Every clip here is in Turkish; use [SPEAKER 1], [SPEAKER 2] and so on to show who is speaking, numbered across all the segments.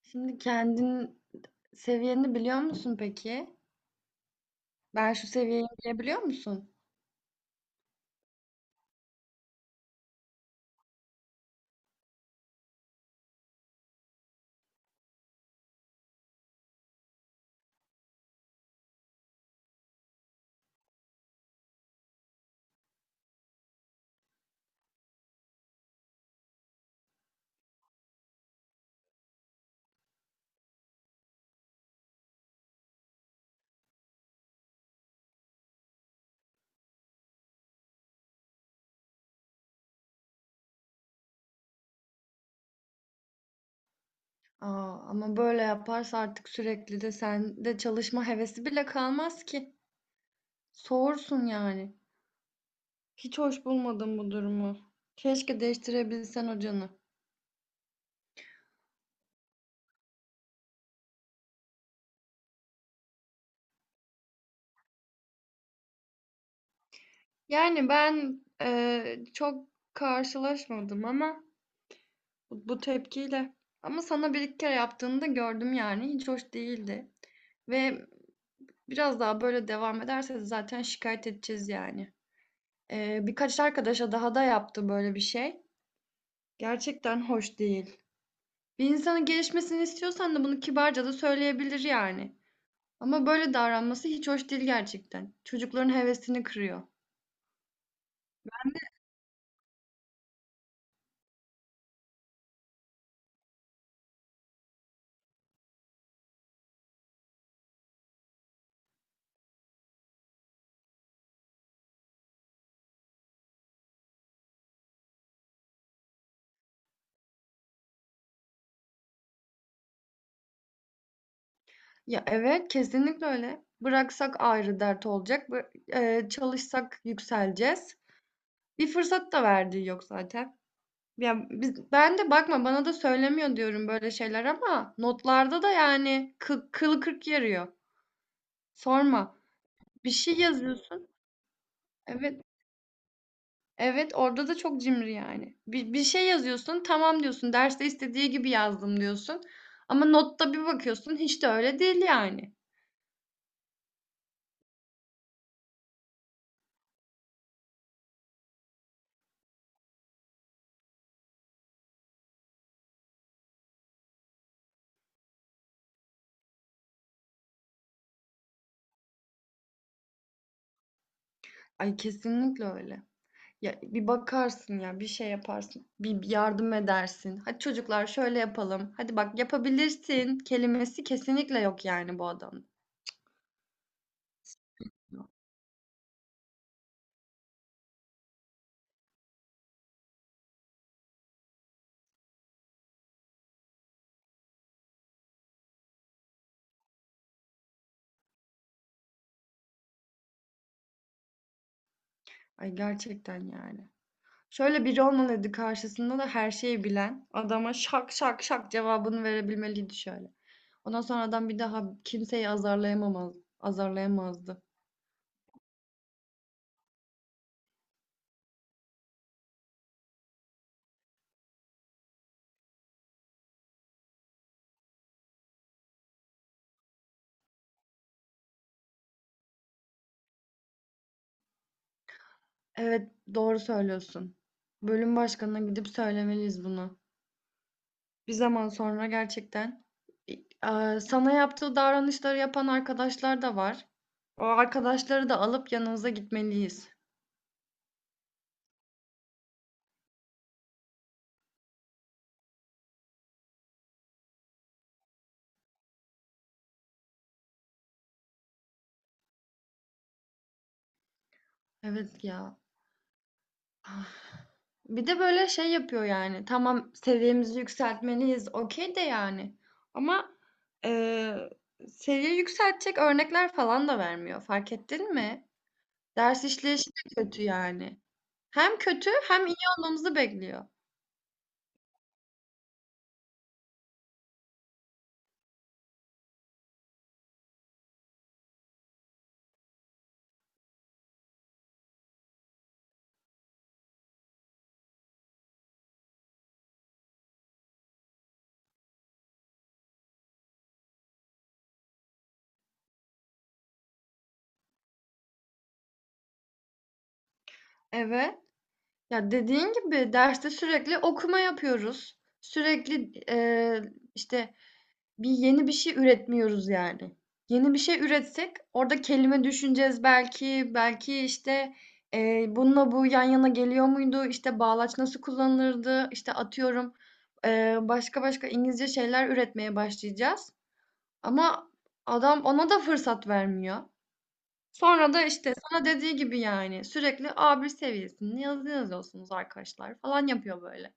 [SPEAKER 1] Şimdi kendin seviyeni biliyor musun peki? Ben şu seviyeyim diyebiliyor musun? Aa, Ama böyle yaparsa artık sürekli de sende çalışma hevesi bile kalmaz ki. Soğursun yani. Hiç hoş bulmadım bu durumu. Keşke değiştirebilsen hocanı. Yani ben çok karşılaşmadım ama bu tepkiyle. Ama sana bir iki kere yaptığını da gördüm yani. Hiç hoş değildi. Ve Biraz daha böyle devam ederse zaten şikayet edeceğiz yani. Birkaç arkadaşa daha da yaptı böyle bir şey. Gerçekten hoş değil. Bir insanın gelişmesini istiyorsan da bunu kibarca da söyleyebilir yani. Ama böyle davranması hiç hoş değil gerçekten. Çocukların hevesini kırıyor. Ya evet, kesinlikle öyle. Bıraksak ayrı dert olacak. Çalışsak yükseleceğiz. Bir fırsat da verdiği yok zaten. Ya biz, ben de bakma bana da söylemiyor diyorum böyle şeyler ama notlarda da yani kılı kırk yarıyor. Sorma. Bir şey yazıyorsun. Evet. Evet orada da çok cimri yani. Bir şey yazıyorsun, tamam diyorsun. Derste istediği gibi yazdım diyorsun. Ama notta bir bakıyorsun hiç de öyle değil yani. Ay kesinlikle öyle. Ya bir bakarsın, ya bir şey yaparsın. Bir yardım edersin. Hadi çocuklar şöyle yapalım. Hadi bak, yapabilirsin kelimesi kesinlikle yok yani bu adamda. Ay gerçekten yani. Şöyle biri olmalıydı karşısında, da her şeyi bilen adama şak şak şak cevabını verebilmeliydi şöyle. Ondan sonra adam bir daha kimseyi azarlayamamaz, azarlayamazdı. Evet, doğru söylüyorsun. Bölüm başkanına gidip söylemeliyiz bunu. Bir zaman sonra gerçekten sana yaptığı davranışları yapan arkadaşlar da var. O arkadaşları da alıp yanınıza gitmeliyiz. Evet ya. Ah. Bir de böyle şey yapıyor yani. Tamam, seviyemizi yükseltmeliyiz. Okey de yani. Ama eee seviye yükseltecek örnekler falan da vermiyor. Fark ettin mi? Ders işleyişi de kötü yani. Hem kötü hem iyi olmamızı bekliyor. Evet. Ya dediğin gibi derste sürekli okuma yapıyoruz. Sürekli işte bir yeni bir şey üretmiyoruz yani. Yeni bir şey üretsek orada kelime düşüneceğiz belki. Belki işte bununla bu yan yana geliyor muydu? İşte bağlaç nasıl kullanılırdı? İşte atıyorum başka başka İngilizce şeyler üretmeye başlayacağız. Ama adam ona da fırsat vermiyor. Sonra da işte sana dediği gibi yani sürekli A1 seviyesinde yazı yazıyorsunuz arkadaşlar falan yapıyor böyle.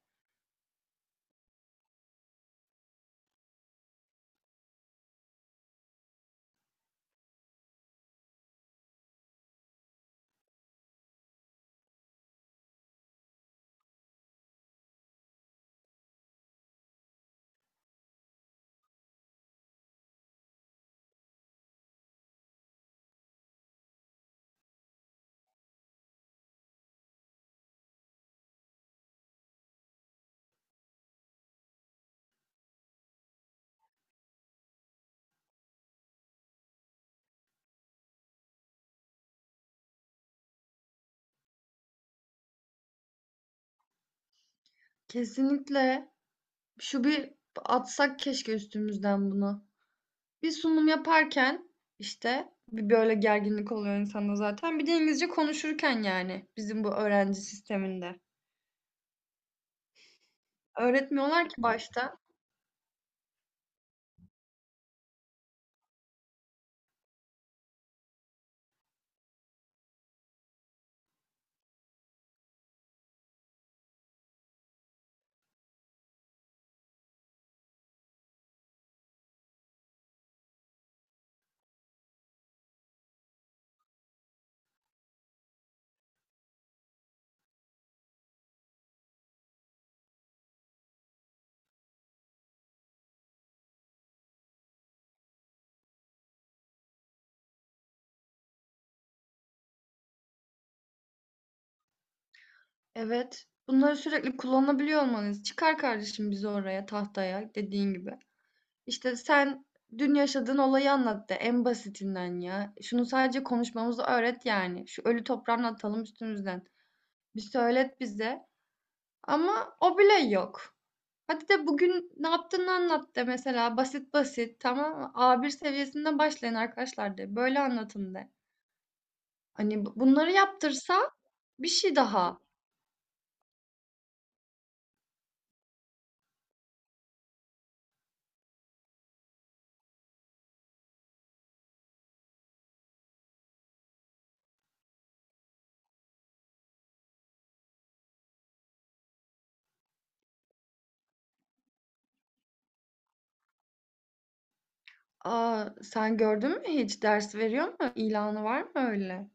[SPEAKER 1] Kesinlikle şu bir atsak keşke üstümüzden bunu. Bir sunum yaparken işte bir böyle gerginlik oluyor insanda zaten. Bir de İngilizce konuşurken yani bizim bu öğrenci sisteminde. Öğretmiyorlar ki başta. Evet. Bunları sürekli kullanabiliyor olmanız. Çıkar kardeşim bizi oraya tahtaya, dediğin gibi. İşte sen dün yaşadığın olayı anlat de en basitinden ya. Şunu sadece konuşmamızı öğret yani. Şu ölü toprağını atalım üstümüzden. Bir söylet bize. Ama o bile yok. Hadi de bugün ne yaptığını anlat de mesela, basit basit, tamam mı? A bir seviyesinden başlayın arkadaşlar de. Böyle anlatın de. Hani bunları yaptırsa bir şey daha. Sen gördün mü, hiç ders veriyor mu? İlanı var mı öyle?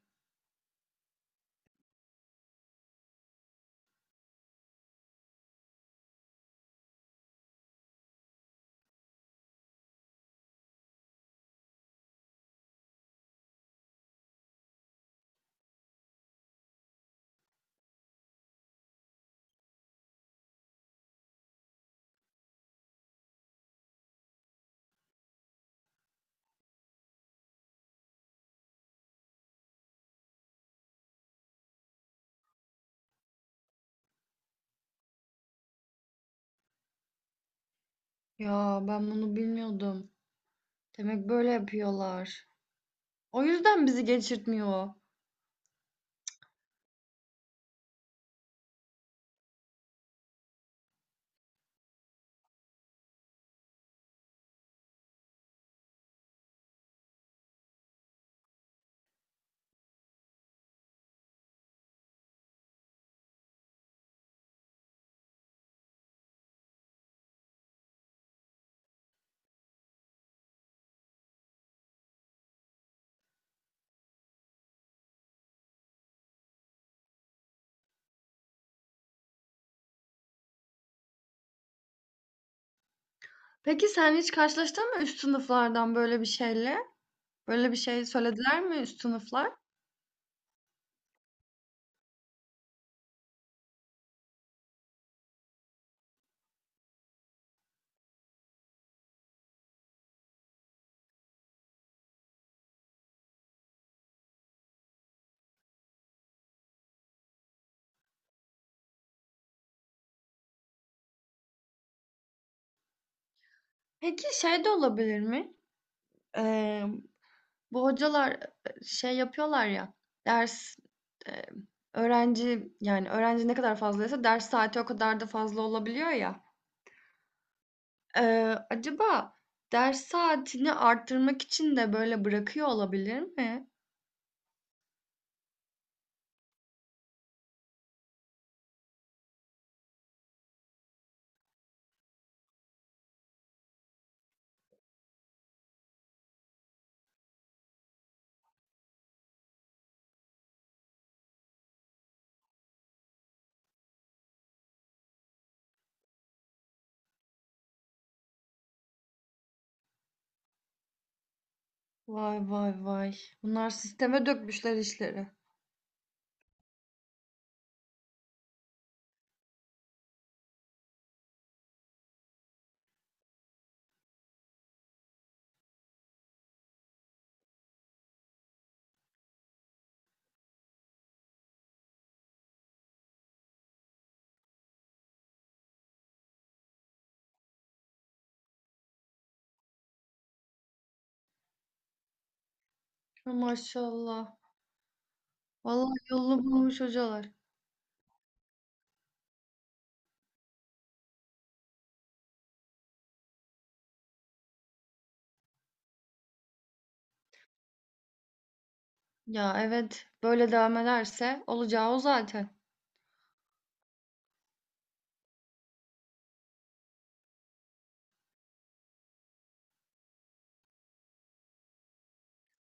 [SPEAKER 1] Ya ben bunu bilmiyordum. Demek böyle yapıyorlar. O yüzden bizi geçirtmiyor o. Peki sen hiç karşılaştın mı üst sınıflardan böyle bir şeyle? Böyle bir şey söylediler mi üst sınıflar? Peki şey de olabilir mi? Emm, Bu hocalar şey yapıyorlar ya, ders, eee, öğrenci, yani, öğrenci ne kadar fazlaysa ders saati o kadar da fazla olabiliyor ya. Acaba ders saatini arttırmak için de böyle bırakıyor olabilir mi? Vay vay vay. Bunlar sisteme dökmüşler işleri. Ya, maşallah. Vallahi yolunu bulmuş hocalar. Ya, evet, böyle devam ederse olacağı o zaten.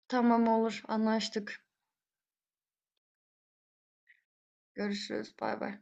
[SPEAKER 1] Tamam, olur, anlaştık. Görüşürüz, bay bay.